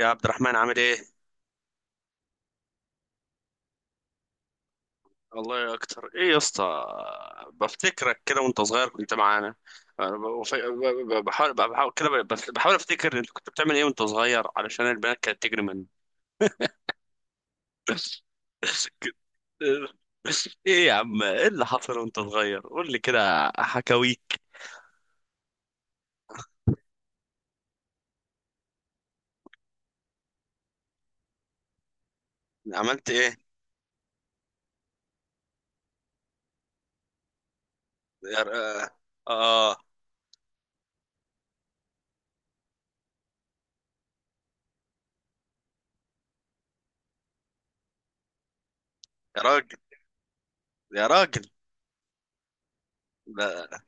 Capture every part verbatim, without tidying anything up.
يا عبد الرحمن، عامل ايه؟ والله يا اكتر ايه يا اسطى. بفتكرك كده وانت صغير كنت معانا. أنا ب- بف- ب- ب- بحاول بحاول كده ب- بف- بحاول افتكر انت كنت بتعمل ايه وانت صغير، علشان البنات كانت تجري منك. ايه يا عم؟ ايه اللي حصل وانت صغير؟ قول لي كده حكاويك. عملت ايه؟ يا ر... اه. يا راجل، يا راجل. لا،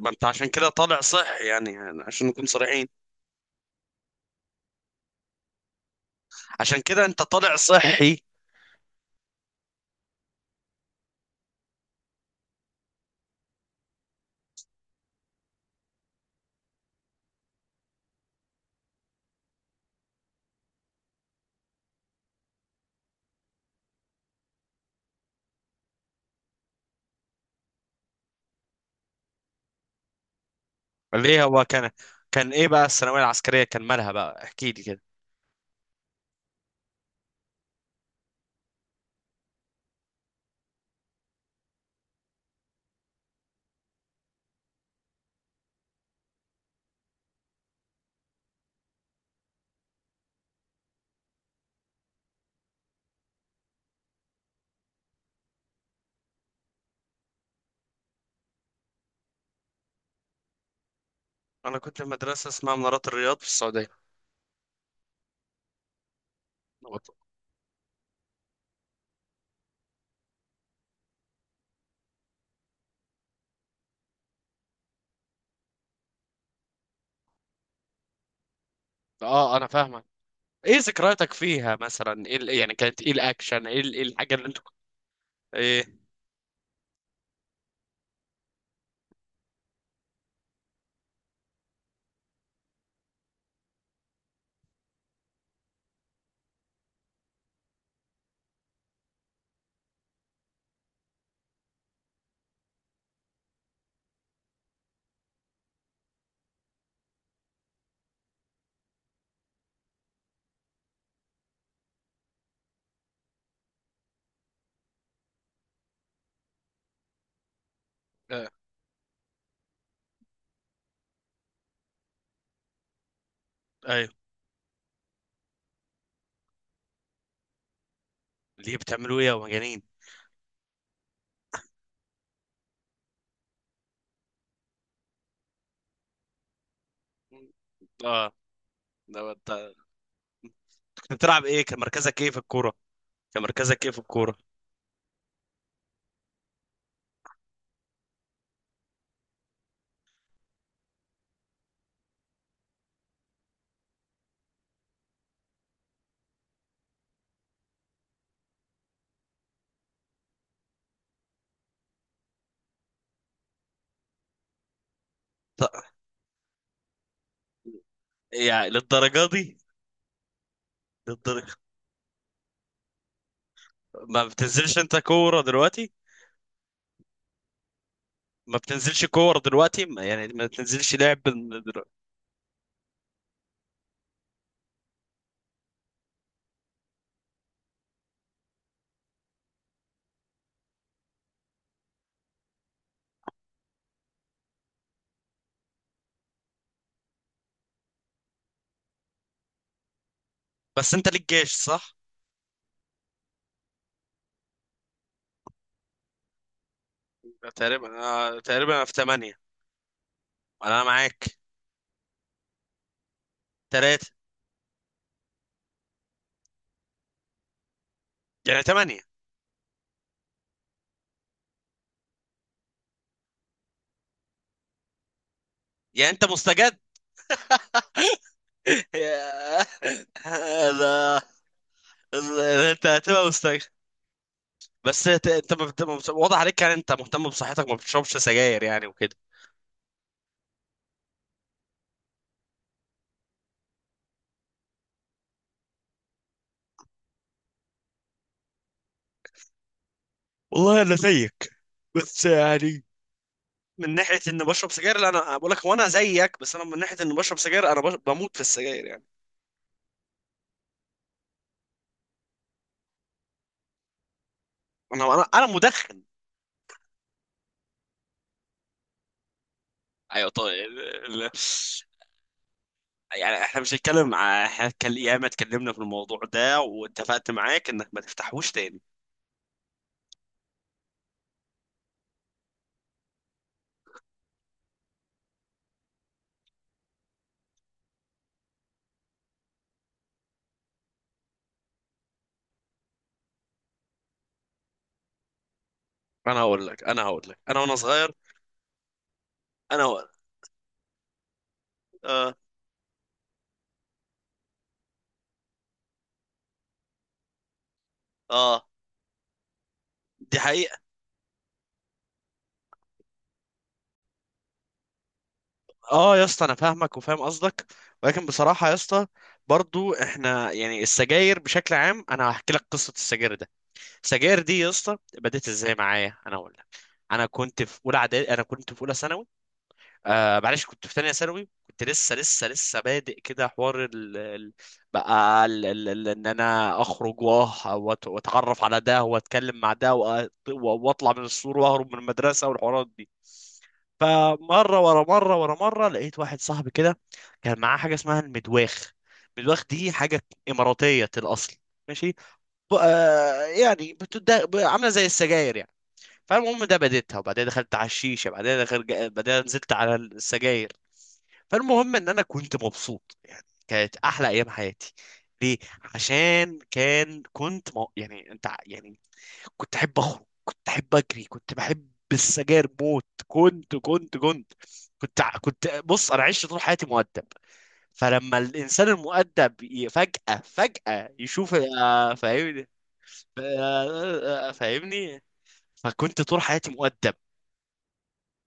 ما انت عشان كده طالع صحي يعني. عشان نكون صريحين، عشان كده انت طالع صحي. ليه هو كان كان ايه بقى الثانويه العسكريه؟ كان مالها بقى؟ احكي لي كده. انا كنت في مدرسه اسمها منارات الرياض في السعوديه. اه، انا فاهمك. ايه ذكرياتك فيها مثلا؟ ايه ال- يعني كانت ايه الاكشن؟ ايه ال- إيه الحاجه اللي انتوا كنت- ايه. آه. ايوه. ليه؟ بتعملوا ايه يا مجانين؟ اه. ده ده- كنت بتلعب ايه؟ كان مركزك ايه في الكوره؟ كان مركزك ايه في الكوره؟ ط- يعني للدرجه دي؟ للدرجة. ما بتنزلش انت كوره دلوقتي؟ ما بتنزلش كوره دلوقتي؟ ما- يعني ما بتنزلش لعب؟ بس انت ليك جيش، صح؟ تقريبا، آه، تقريبا أنا في تمانية. انا معاك. تلاتة. يعني تمانية. يعني انت مستجد. يا- ده ده- انت هتبقى مستجد. بس انت، أنت ما بت- ما بت- واضح عليك يعني، انت مهتم بصحتك، ما بتشربش سجاير يعني وكده. والله انا زيك، بس يعني من ناحية اني بشرب سجاير. لا، انا بقول لك، وانا زيك، بس انا من ناحية اني بشرب سجاير، انا بش- بموت في السجاير يعني. انا انا انا مدخن. ايوه، طيب. يعني احنا مش هنتكلم ع- احنا هنتكلم، ياما اتكلمنا في الموضوع ده، واتفقت معاك انك ما تفتحوش تاني. انا هقول لك انا هقول لك انا وانا صغير. انا هقول. اه. اه، دي حقيقة. اه يا اسطى، انا فاهمك وفاهم قصدك، ولكن بصراحة يا اسطى، برضو احنا يعني السجاير بشكل عام، انا هحكي لك قصة السجاير ده. السجاير دي يا اسطى بدأت ازاي معايا؟ انا هقول لك. انا كنت في اولى اعدادي انا كنت في اولى ثانوي، آه معلش، كنت في تانية ثانوي. كنت لسه لسه لسه بادئ كده حوار ال... ال... بقى ال... ال... ال... ان انا اخرج، وأه- وأت- واتعرف على ده، واتكلم مع ده، وأ- واطلع من السور، واهرب من المدرسة، والحوارات دي. فمرة ورا مرة ورا مرة، لقيت واحد صاحبي كده كان معاه حاجة اسمها المدواخ. المدواخ دي حاجة إماراتية الأصل. ماشي. ب- آه، يعني بتد... عاملة زي السجاير يعني. فالمهم، ده بديتها، وبعدين دخلت على الشيشه، بعدين دخلت، بعدين نزلت على السجاير. فالمهم ان انا كنت مبسوط يعني، كانت احلى ايام حياتي. ليه؟ عشان كان، كنت مو... يعني انت، ع- يعني كنت احب اخرج، كنت احب اجري، كنت بحب السجاير موت، كنت كنت كنت كنت ع- كنت بص، انا عشت طول حياتي مؤدب. فلما الانسان المؤدب ي- فجأة فجأة يشوف. آه، فاهمني؟ آه، آه، آه، فاهمني. فكنت طول حياتي مؤدب،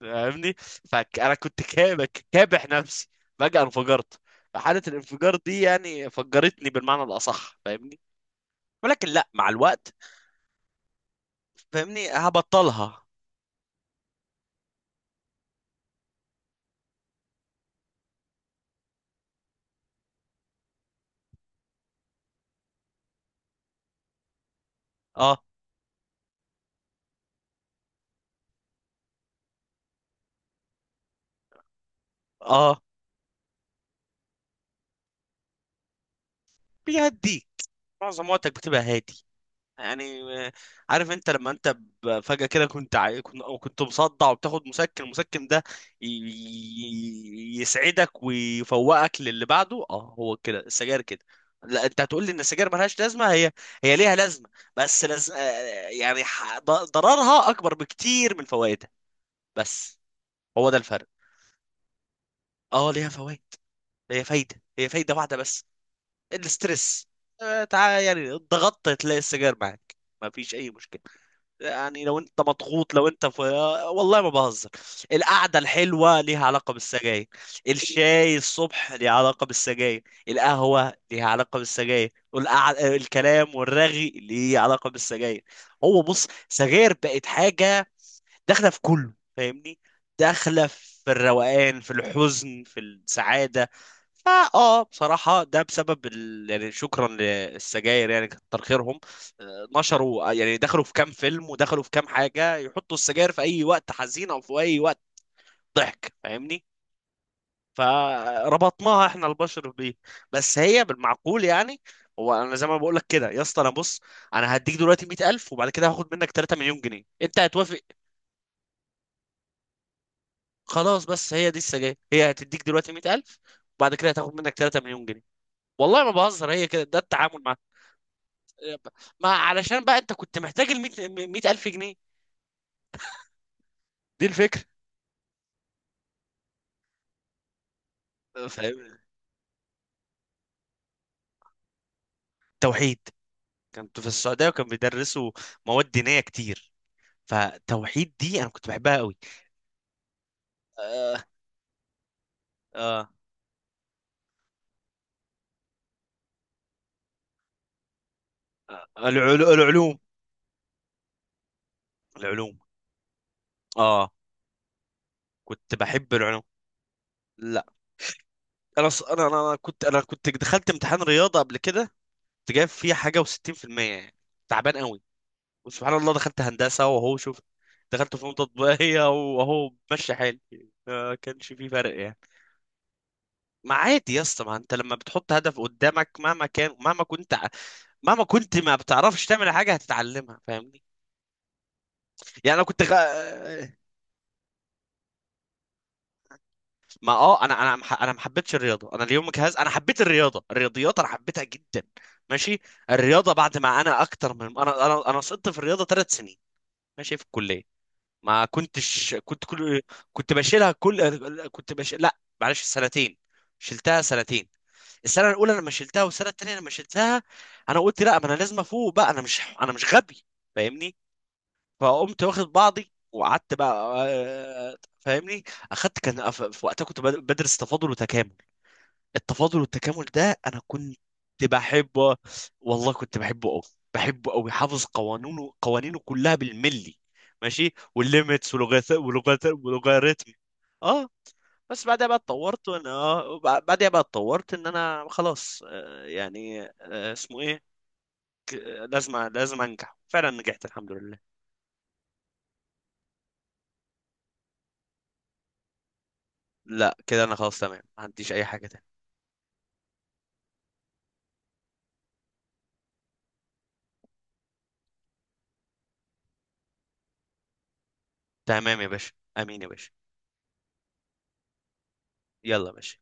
فاهمني؟ فانا كنت كابك كابح نفسي، فجأة انفجرت. فحالة الانفجار دي يعني فجرتني بالمعنى الأصح، فاهمني. ولكن لا، مع الوقت، فاهمني، هبطلها. اه. اه. بيهديك، معظم وقتك بتبقى هادي يعني. آه، عارف انت لما انت ب- فجأة كده، كنت عاي... كنت كنت مصدع، وبتاخد مسكن، المسكن ده ي... ي- يسعدك ويفوقك للي بعده. اه، هو كده السجاير كده. لا، انت هتقول لي ان السجاير ملهاش لازمه. هي، هي ليها لازمه، بس لز... آه، يعني ح... ض- ضررها اكبر بكتير من فوائدها. بس هو ده الفرق. اه، ليها فوائد. هي فايده، هي فايده واحده بس، الاسترس. آه، تعال يعني، ضغطت، تلاقي السجاير معاك، مفيش اي مشكله. يعني لو انت مضغوط، لو انت في، والله ما بهزر، القعده الحلوه ليها علاقه بالسجاير، الشاي الصبح ليها علاقه بالسجاير، القهوه ليها علاقه بالسجاير، والقع... الكلام والرغي ليه علاقه بالسجاير. هو بص، سجاير بقت حاجه داخله في كله، فاهمني؟ داخله في الروقان، في الحزن، في السعاده. فا اه، بصراحه ده بسبب ال... يعني شكرا للسجاير، يعني كتر خيرهم. آه، نشروا، يعني دخلوا في كام فيلم، ودخلوا في كام حاجه، يحطوا السجاير في اي وقت حزين، او في اي وقت ضحك، فاهمني؟ فربطناها احنا البشر بيه. بس هي بالمعقول يعني. هو انا زي ما بقول لك كده يا اسطى. انا بص، انا هديك دلوقتي مية الف، وبعد كده هاخد منك 3 مليون جنيه. انت هتوافق؟ خلاص. بس هي دي السجاير، هي هتديك دلوقتي مية الف، وبعد كده هتاخد منك 3 مليون جنيه. والله ما بهزر، هي كده، ده التعامل مع. ما علشان بقى انت كنت محتاج ال مية مية الف جنيه، دي الفكره، فاهم؟ توحيد. كنت في السعوديه وكان بيدرسوا مواد دينيه كتير، فتوحيد دي انا كنت بحبها قوي. آه آه آه، العلو- العلوم، العلوم. اه، كنت بحب العلوم. لا. انا ص- انا انا أنا كنت انا كنت دخلت امتحان رياضه قبل كده، كنت جايب فيه حاجه و60% يعني، تعبان قوي. وسبحان الله، دخلت هندسة وهو شوف، دخلت فنون تطبيقية وهو ماشي حالي، ما كانش في فرق يعني. ما عادي يا اسطى، ما انت لما بتحط هدف قدامك، مهما كان، مهما كنت ع- مهما كنت ما بتعرفش تعمل حاجة، هتتعلمها، فاهمني؟ يعني انا كنت غ... ما اه انا انا مح... انا ما حبيتش الرياضة. انا اليوم جهاز. انا حبيت الرياضة، الرياضيات انا حبيتها جدا. ماشي. الرياضة بعد ما انا اكتر من، انا انا انا سقطت في الرياضة ثلاث سنين، ماشي، في الكلية. ما كنتش كنت كل كنت بشيلها كل كنت بش لا معلش سنتين، شلتها سنتين، السنه الاولى لما شلتها، والسنه التانيه لما شلتها. انا قلت لا، ما انا لازم افوق بقى، انا مش، انا مش غبي، فاهمني؟ فقمت واخد بعضي وقعدت بقى، آه، فاهمني. اخدت، كان أف- في وقتها كنت بد- بدرس تفاضل وتكامل. التفاضل والتكامل ده انا كنت بحبه، والله كنت بحبه قوي، بحبه قوي، حافظ قوانينه، قوانينه كلها بالملي. ماشي، والليميتس ولغات ولغات ولوغاريتم. اه. بس بعدها بقى اتطورت، وانا اه، وب- بعدها بقى اتطورت، ان انا خلاص، آه، يعني، آه، اسمه ايه، ك- لازم لازم انجح، فعلا نجحت الحمد لله. لا كده انا خلاص تمام، ما عنديش اي حاجة تانية. تمام يا باشا. امين يا باشا. يلا يا باشا.